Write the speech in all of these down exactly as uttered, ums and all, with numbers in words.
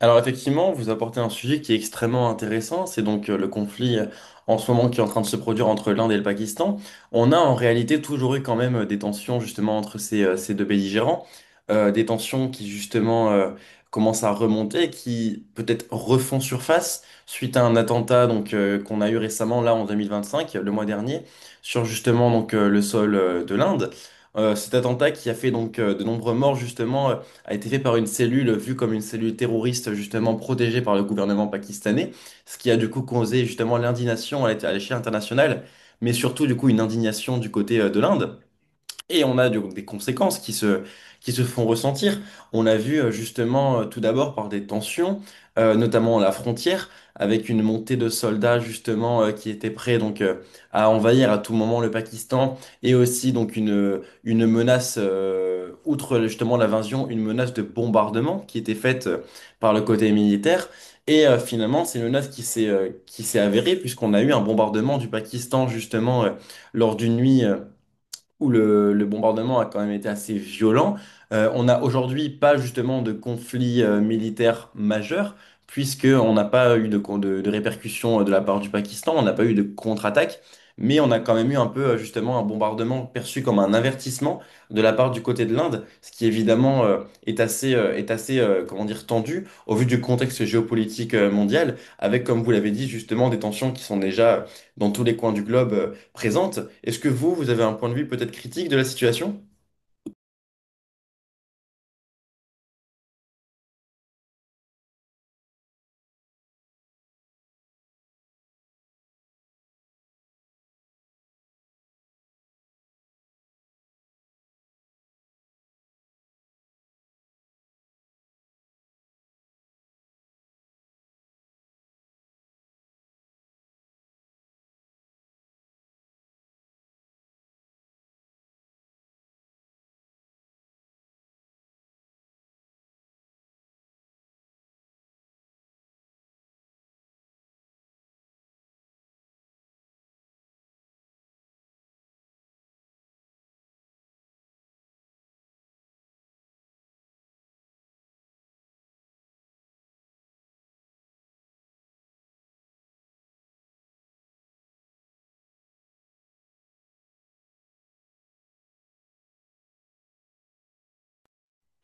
Alors effectivement, vous apportez un sujet qui est extrêmement intéressant, c'est donc euh, le conflit euh, en ce moment qui est en train de se produire entre l'Inde et le Pakistan. On a en réalité toujours eu quand même euh, des tensions justement entre ces, euh, ces deux belligérants, euh, des tensions qui justement euh, commencent à remonter, qui peut-être refont surface suite à un attentat donc euh, qu'on a eu récemment là en deux mille vingt-cinq, le mois dernier, sur justement donc euh, le sol euh, de l'Inde. Euh, cet attentat qui a fait donc euh, de nombreux morts justement a été fait par une cellule vue comme une cellule terroriste justement protégée par le gouvernement pakistanais, ce qui a du coup causé justement l'indignation à l'é- à l'échelle internationale, mais surtout du coup une indignation du côté euh, de l'Inde. Et on a donc des conséquences qui se, qui se font ressentir. On l'a vu euh, justement euh, tout d'abord par des tensions, euh, notamment à la frontière, avec une montée de soldats justement euh, qui étaient prêts donc euh, à envahir à tout moment le Pakistan et aussi donc une, une menace, euh, outre justement l'invasion, une menace de bombardement qui était faite euh, par le côté militaire. Et euh, finalement, c'est une menace qui s'est euh, qui s'est avérée puisqu'on a eu un bombardement du Pakistan justement euh, lors d'une nuit. euh, où le, le bombardement a quand même été assez violent. Euh, on n'a aujourd'hui pas justement de conflit euh, militaire majeur, puisqu'on n'a pas eu de, con- de, de répercussions euh, de la part du Pakistan, on n'a pas eu de contre-attaque, mais on a quand même eu un peu euh, justement un bombardement perçu comme un avertissement de la part du côté de l'Inde, ce qui évidemment euh, est assez, euh, est assez euh, comment dire, tendu au vu du contexte géopolitique euh, mondial, avec comme vous l'avez dit justement des tensions qui sont déjà dans tous les coins du globe euh, présente. Est-ce que vous, vous avez un point de vue peut-être critique de la situation?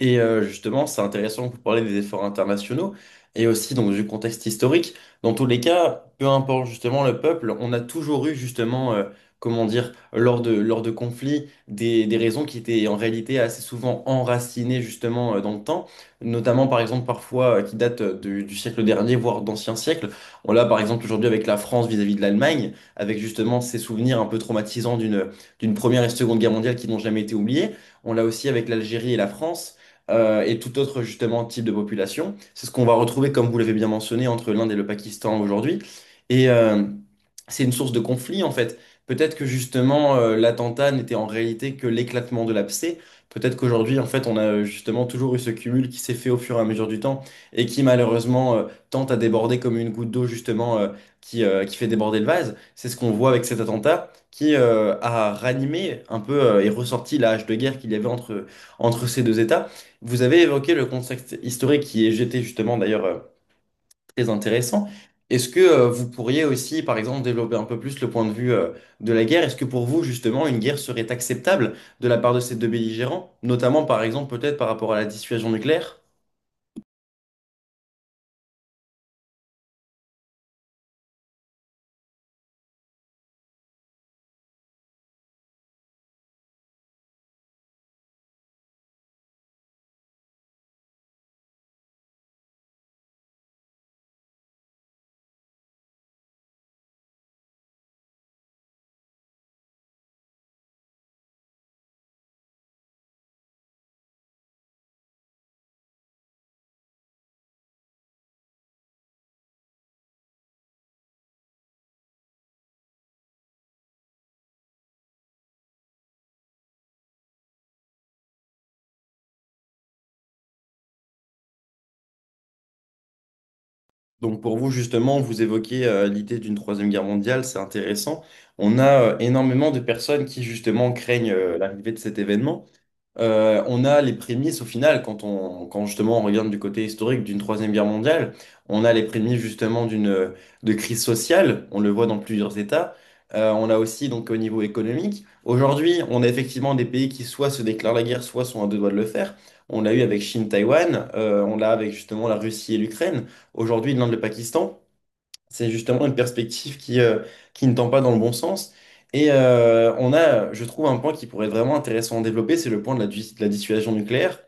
Et euh, justement, c'est intéressant que vous parlez des efforts internationaux et aussi donc du contexte historique. Dans tous les cas, peu importe justement le peuple, on a toujours eu justement, euh, comment dire, lors de, lors de conflits, des, des raisons qui étaient en réalité assez souvent enracinées justement euh, dans le temps, notamment par exemple parfois euh, qui datent euh, du, du siècle dernier, voire d'anciens siècles. On l'a par exemple aujourd'hui avec la France vis-à-vis de l'Allemagne, avec justement ces souvenirs un peu traumatisants d'une, d'une première et seconde guerre mondiale qui n'ont jamais été oubliés. On l'a aussi avec l'Algérie et la France euh, et tout autre justement type de population. C'est ce qu'on va retrouver, comme vous l'avez bien mentionné, entre l'Inde et le Pakistan aujourd'hui. Et euh, c'est une source de conflit en fait. Peut-être que justement euh, l'attentat n'était en réalité que l'éclatement de l'abcès. Peut-être qu'aujourd'hui en fait on a euh, justement toujours eu ce cumul qui s'est fait au fur et à mesure du temps et qui malheureusement euh, tente à déborder comme une goutte d'eau justement euh, qui, euh, qui fait déborder le vase. C'est ce qu'on voit avec cet attentat qui euh, a ranimé un peu euh, et ressorti la hache de guerre qu'il y avait entre, entre ces deux États. Vous avez évoqué le contexte historique qui est jeté justement d'ailleurs euh, très intéressant. Est-ce que euh, vous pourriez aussi, par exemple, développer un peu plus le point de vue euh, de la guerre? Est-ce que pour vous, justement, une guerre serait acceptable de la part de ces deux belligérants, notamment par exemple peut-être par rapport à la dissuasion nucléaire? Donc pour vous, justement, vous évoquez euh, l'idée d'une troisième guerre mondiale, c'est intéressant. On a euh, énormément de personnes qui justement craignent euh, l'arrivée de cet événement. Euh, on a les prémices au final, quand on, quand justement on regarde du côté historique d'une Troisième Guerre mondiale, on a les prémices justement d'une de crise sociale, on le voit dans plusieurs États. Euh, on a aussi donc au niveau économique. Aujourd'hui, on a effectivement des pays qui soit se déclarent la guerre, soit sont à deux doigts de le faire. On l'a eu avec Chine, Taïwan, euh, on l'a avec justement la Russie et l'Ukraine, aujourd'hui l'Inde, le Pakistan. C'est justement une perspective qui, euh, qui ne tend pas dans le bon sens. Et euh, on a, je trouve, un point qui pourrait être vraiment intéressant à développer, c'est le point de la, dis- de la dissuasion nucléaire.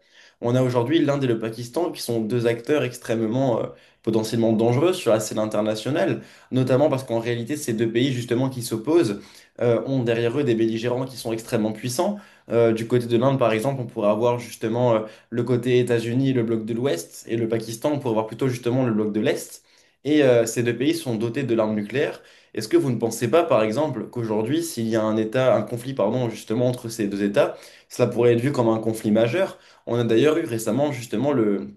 On a aujourd'hui l'Inde et le Pakistan qui sont deux acteurs extrêmement euh, potentiellement dangereux sur la scène internationale, notamment parce qu'en réalité, ces deux pays justement qui s'opposent euh, ont derrière eux des belligérants qui sont extrêmement puissants. Euh, du côté de l'Inde, par exemple, on pourrait avoir justement euh, le côté États-Unis, le bloc de l'Ouest, et le Pakistan, on pourrait avoir plutôt justement le bloc de l'Est et euh, ces deux pays sont dotés de l'arme nucléaire. Est-ce que vous ne pensez pas, par exemple, qu'aujourd'hui, s'il y a un État, un conflit, pardon, justement entre ces deux États, cela pourrait être vu comme un conflit majeur? On a d'ailleurs eu récemment justement le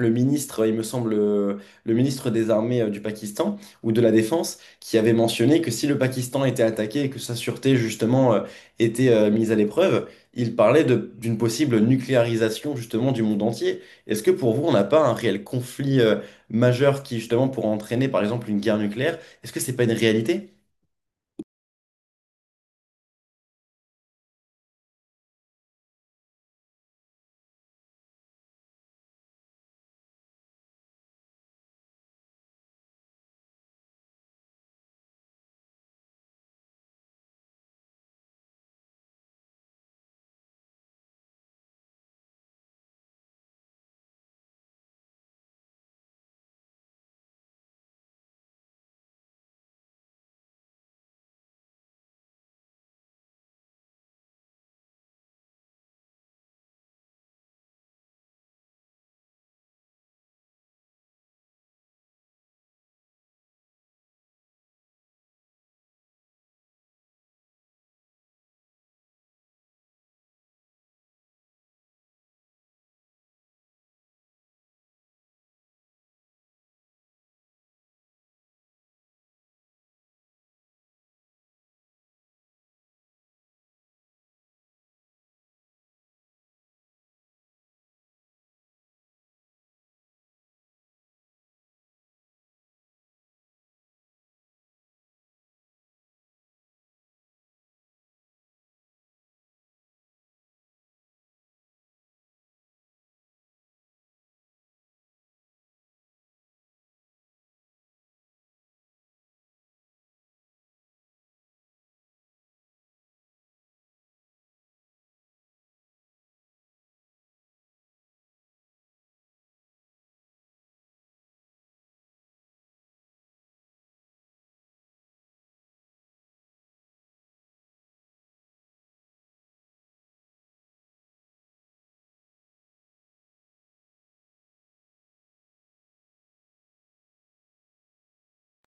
le ministre, il me semble, euh, le ministre des Armées euh, du Pakistan ou de la Défense, qui avait mentionné que si le Pakistan était attaqué et que sa sûreté, justement, euh, était euh, mise à l'épreuve, il parlait de- d'une possible nucléarisation, justement, du monde entier. Est-ce que pour vous, on n'a pas un réel conflit euh, majeur qui, justement, pourrait entraîner, par exemple, une guerre nucléaire? Est-ce que c'est pas une réalité?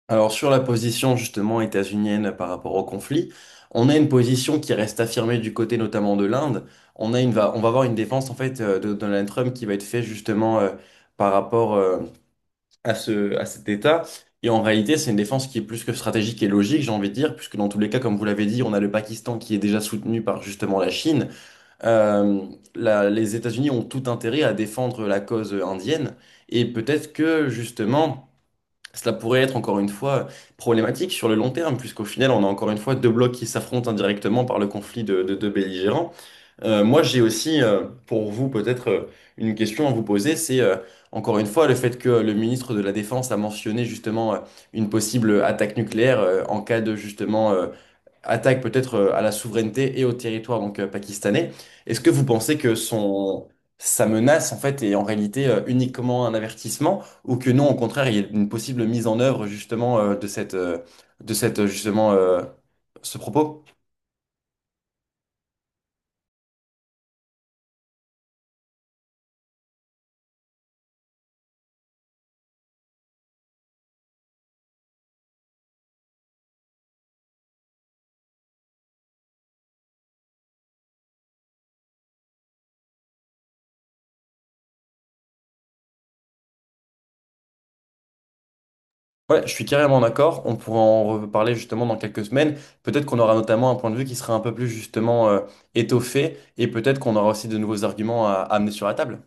Alors sur la position justement états-unienne par rapport au conflit, on a une position qui reste affirmée du côté notamment de l'Inde. On a une, va, on va avoir une défense en fait euh, de Donald Trump qui va être faite justement euh, par rapport euh, à ce, à cet État. Et en réalité, c'est une défense qui est plus que stratégique et logique, j'ai envie de dire, puisque dans tous les cas, comme vous l'avez dit, on a le Pakistan qui est déjà soutenu par justement la Chine. Euh, la- les États-Unis ont tout intérêt à défendre la cause indienne. Et peut-être que justement... Cela pourrait être encore une fois problématique sur le long terme, puisqu'au final, on a encore une fois deux blocs qui s'affrontent indirectement par le conflit de, de deux belligérants. Euh, moi, j'ai aussi euh, pour vous peut-être euh, une question à vous poser, c'est euh, encore une fois le fait que le ministre de la Défense a mentionné justement euh, une possible attaque nucléaire euh, en cas de justement euh, attaque peut-être euh, à la souveraineté et au territoire donc euh, pakistanais. Est-ce que vous pensez que son sa menace en fait est en réalité euh, uniquement un avertissement ou que non, au contraire, il y a une possible mise en œuvre justement euh, de cette euh, de cette euh, justement euh, ce propos? Ouais, je suis carrément d'accord. On pourra en reparler justement dans quelques semaines. Peut-être qu'on aura notamment un point de vue qui sera un peu plus justement euh, étoffé et peut-être qu'on aura aussi de nouveaux arguments à à amener sur la table.